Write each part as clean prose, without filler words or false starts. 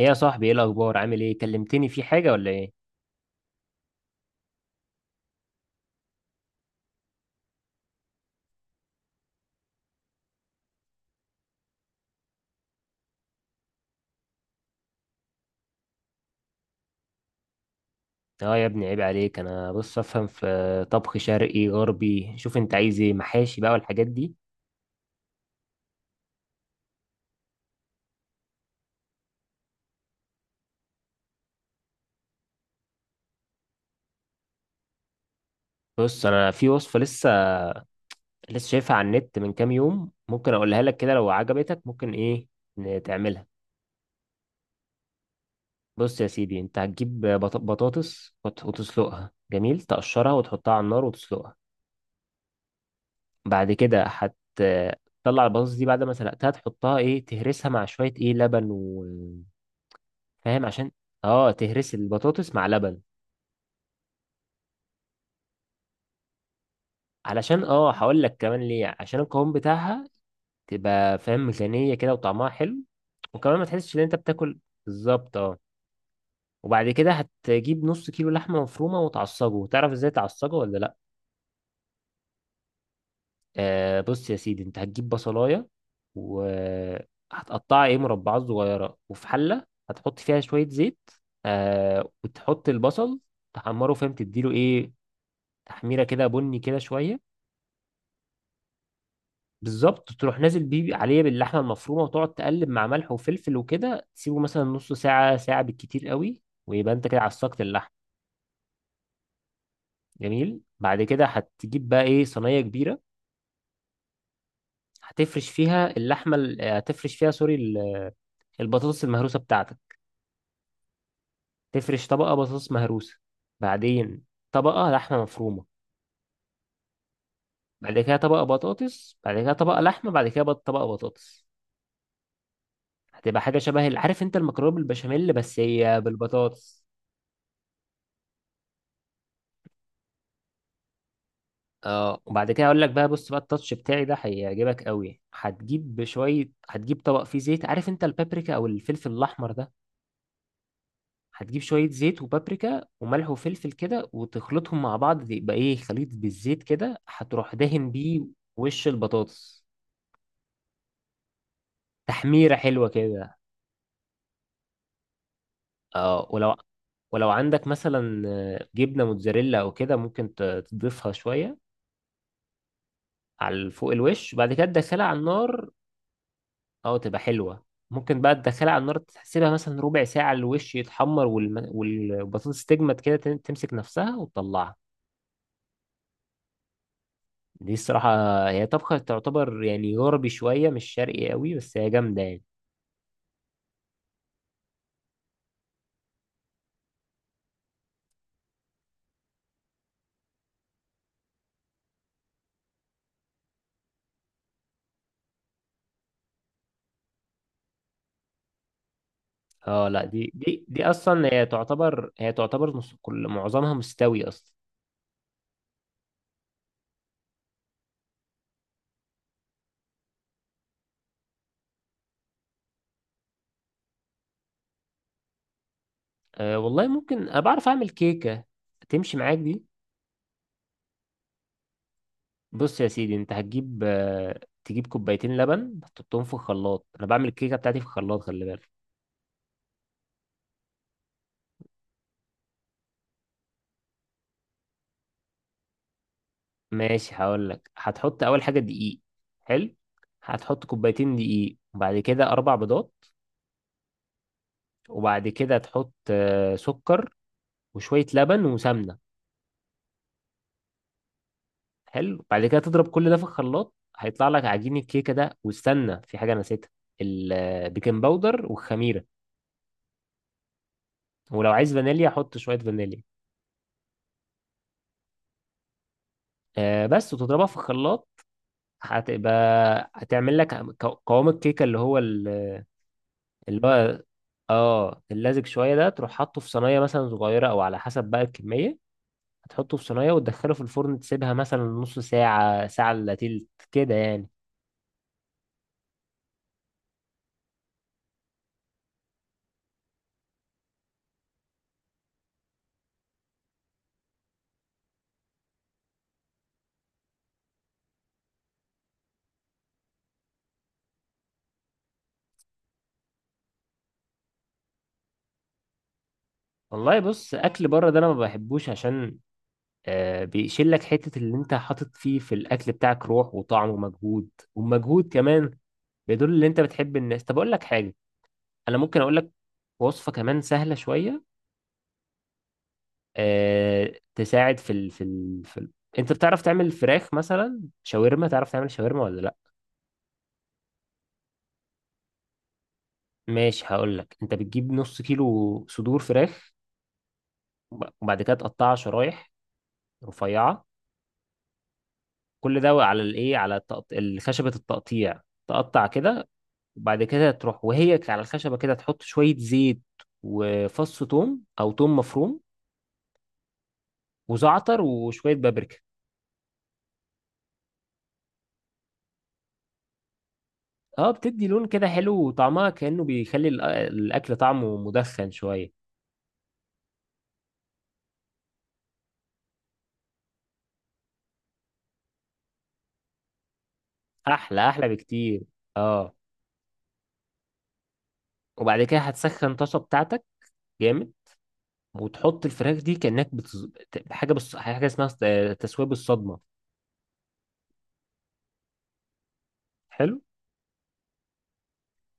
ايه يا صاحبي، ايه الاخبار؟ عامل ايه؟ كلمتني في حاجه ولا ايه؟ اه يا ابني، عيب عليك. انا بص، افهم في طبخ شرقي غربي. شوف انت عايز ايه، محاشي بقى والحاجات دي؟ بص، انا في وصفه لسه شايفها على النت من كام يوم. ممكن اقولها لك كده، لو عجبتك ممكن ايه، تعملها. بص يا سيدي، انت هتجيب بطاطس وتسلقها. جميل، تقشرها وتحطها على النار وتسلقها. بعد كده تطلع البطاطس دي بعد ما سلقتها، تحطها ايه، تهرسها مع شويه ايه لبن. فاهم؟ عشان اه تهرس البطاطس مع لبن. علشان هقول لك كمان ليه، عشان القوام بتاعها تبقى فاهم غنية كده وطعمها حلو، وكمان ما تحسش ان انت بتاكل. بالظبط اه. وبعد كده هتجيب نص كيلو لحمة مفرومة وتعصجه. تعرف ازاي تعصجه ولا لا؟ آه، بص يا سيدي، انت هتجيب بصلاية وهتقطعها ايه، مربعات صغيرة، وفي حلة هتحط فيها شوية زيت. آه، وتحط البصل تحمره. فاهم؟ تديله ايه، تحميرة كده بني كده شوية. بالظبط، تروح نازل بيه عليه باللحمه المفرومه، وتقعد تقلب مع ملح وفلفل وكده. تسيبه مثلا نص ساعه، ساعه بالكتير قوي، ويبقى انت كده عصقت اللحم. جميل، بعد كده هتجيب بقى ايه صينيه كبيره، هتفرش فيها، البطاطس المهروسه بتاعتك. تفرش طبقه بطاطس مهروسه، بعدين طبقه لحمه مفرومه، بعد كده طبقه بطاطس، بعد كده طبقه لحمه، بعد كده طبقه بطاطس. هتبقى حاجه شبه عارف انت المكرونه بالبشاميل، بس هي بالبطاطس. اه، وبعد كده اقول لك بقى. بص بقى، التاتش بتاعي ده هيعجبك قوي. هتجيب شويه، هتجيب طبق فيه زيت. عارف انت البابريكا او الفلفل الاحمر ده؟ هتجيب شويه زيت وبابريكا وملح وفلفل كده، وتخلطهم مع بعض، يبقى ايه خليط بالزيت كده، هتروح دهن بيه وش البطاطس. تحميره حلوه كده. اه ولو ولو عندك مثلا جبنه موتزاريلا او كده، ممكن تضيفها شويه على فوق الوش، بعد كده تدخلها على النار. اه تبقى حلوة. ممكن بقى تدخلها على النار، تسيبها مثلا ربع ساعة، الوش يتحمر والبطاطس تجمد كده، تمسك نفسها وتطلعها. دي الصراحة. هي طبخة تعتبر يعني غربي شوية، مش شرقي قوي، بس هي جامدة يعني. اه لا، دي اصلا، هي تعتبر نص، كل معظمها مستوي اصلا. أه والله، ممكن انا بعرف اعمل كيكة تمشي معاك دي. بص يا سيدي، انت هتجيب آه، تجيب كوبايتين لبن تحطهم في الخلاط. انا بعمل الكيكة بتاعتي في الخلاط، خلي بالك. ماشي، هقول لك. هتحط اول حاجه دقيق. حلو، هتحط كوبايتين دقيق، وبعد كده اربع بيضات، وبعد كده تحط سكر وشويه لبن وسمنه. حلو، بعد كده تضرب كل ده في الخلاط، هيطلع لك عجين الكيكه ده. واستنى، في حاجه نسيتها، البيكنج باودر والخميره. ولو عايز فانيليا حط شويه فانيليا. بس، وتضربها في الخلاط، هتبقى هتعمل لك قوام الكيكه اللي هو اه اللزج شويه ده. تروح حاطه في صينيه مثلا صغيره، او على حسب بقى الكميه، هتحطه في صينيه وتدخله في الفرن. تسيبها مثلا نص ساعه، ساعه الا تلت كده يعني. والله بص، اكل بره ده انا ما بحبوش، عشان بيشيل لك حته اللي انت حاطط فيه في الاكل بتاعك، روح وطعم ومجهود. والمجهود كمان بيدل ان انت بتحب الناس. طب اقول لك حاجه، انا ممكن اقول لك وصفه كمان سهله شويه تساعد انت بتعرف تعمل فراخ مثلا شاورما؟ تعرف تعمل شاورما ولا لا؟ ماشي، هقول لك. انت بتجيب نص كيلو صدور فراخ، وبعد كده تقطعها شرايح رفيعه. كل ده على الايه، خشبه التقطيع، تقطع كده. وبعد كده تروح وهي على الخشبه كده، تحط شويه زيت وفص ثوم او ثوم مفروم وزعتر وشويه بابريكا. اه، بتدي لون كده حلو، وطعمها كأنه بيخلي الاكل طعمه مدخن شويه. احلى احلى بكتير. اه، وبعد كده هتسخن طاسه بتاعتك جامد. وتحط الفراخ دي كانك بتز... حاجه بص... حاجه اسمها ص- آه، تسويه بالصدمه. حلو.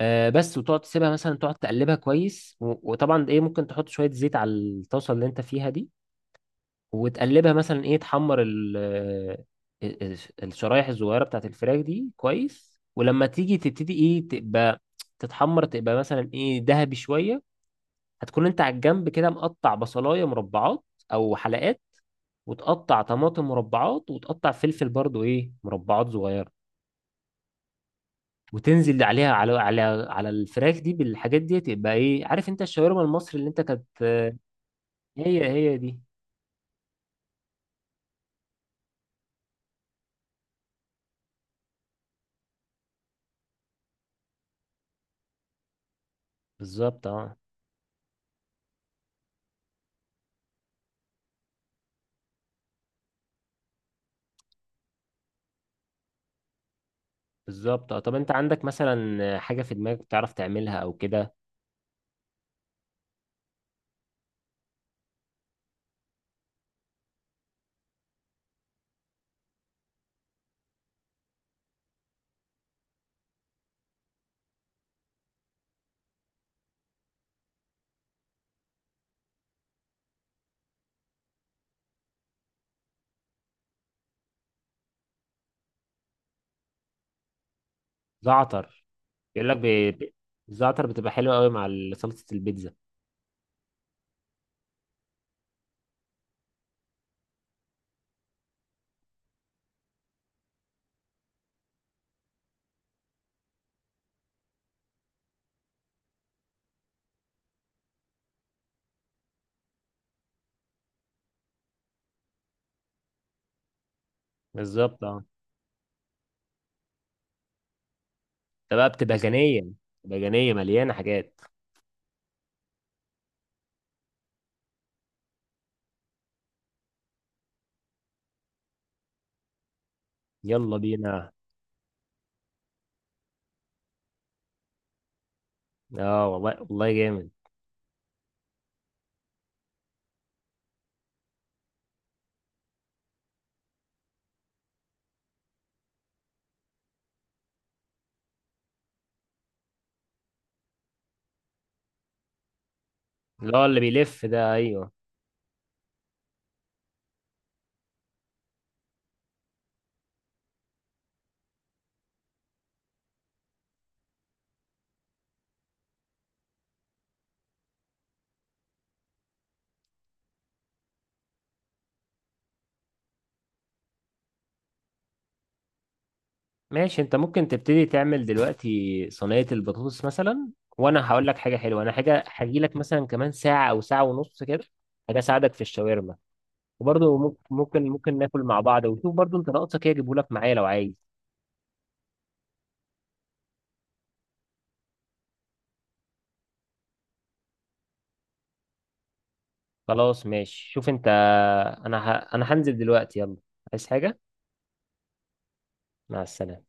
بس، وتقعد تسيبها مثلا، تقعد تقلبها كويس، و... وطبعا ايه ممكن تحط شويه زيت على الطاسه اللي انت فيها دي. وتقلبها مثلا ايه، تحمر ال- الشرايح الصغيره بتاعت الفراخ دي كويس. ولما تيجي تبتدي ايه تبقى تتحمر، تبقى مثلا ايه ذهبي شويه. هتكون انت على الجنب كده مقطع بصلايه مربعات او حلقات، وتقطع طماطم مربعات، وتقطع فلفل برضو ايه مربعات صغيره. وتنزل عليها على الفراخ دي بالحاجات دي. تبقى ايه، عارف انت الشاورما المصري اللي انت كانت، هي دي. بالظبط اه. بالظبط اه، طب انت عندك مثلا حاجه في دماغك بتعرف تعملها او كده؟ زعتر، بيقول لك الزعتر بتبقى حلوه قوي مع صلصه البيتزا. بالظبط اه. ده بقى بتبقى غنيه. بتبقى غنيه مليانه حاجات. يلا بينا. اه والله والله جامد. اللي هو اللي بيلف ده، ايوه. ماشي، انت ممكن تبتدي تعمل دلوقتي صينية البطاطس مثلا، وانا هقول لك حاجة حلوة. انا حاجة هجي لك مثلا كمان ساعة او ساعة ونص كده، حاجة اساعدك في الشاورما. وبرضه ممكن ناكل مع بعض، وشوف برضه انت ناقصك ايه اجيبه لك معايا لو عايز. خلاص، ماشي، شوف انت. انا هنزل دلوقتي. يلا، عايز حاجة؟ مع السلامة.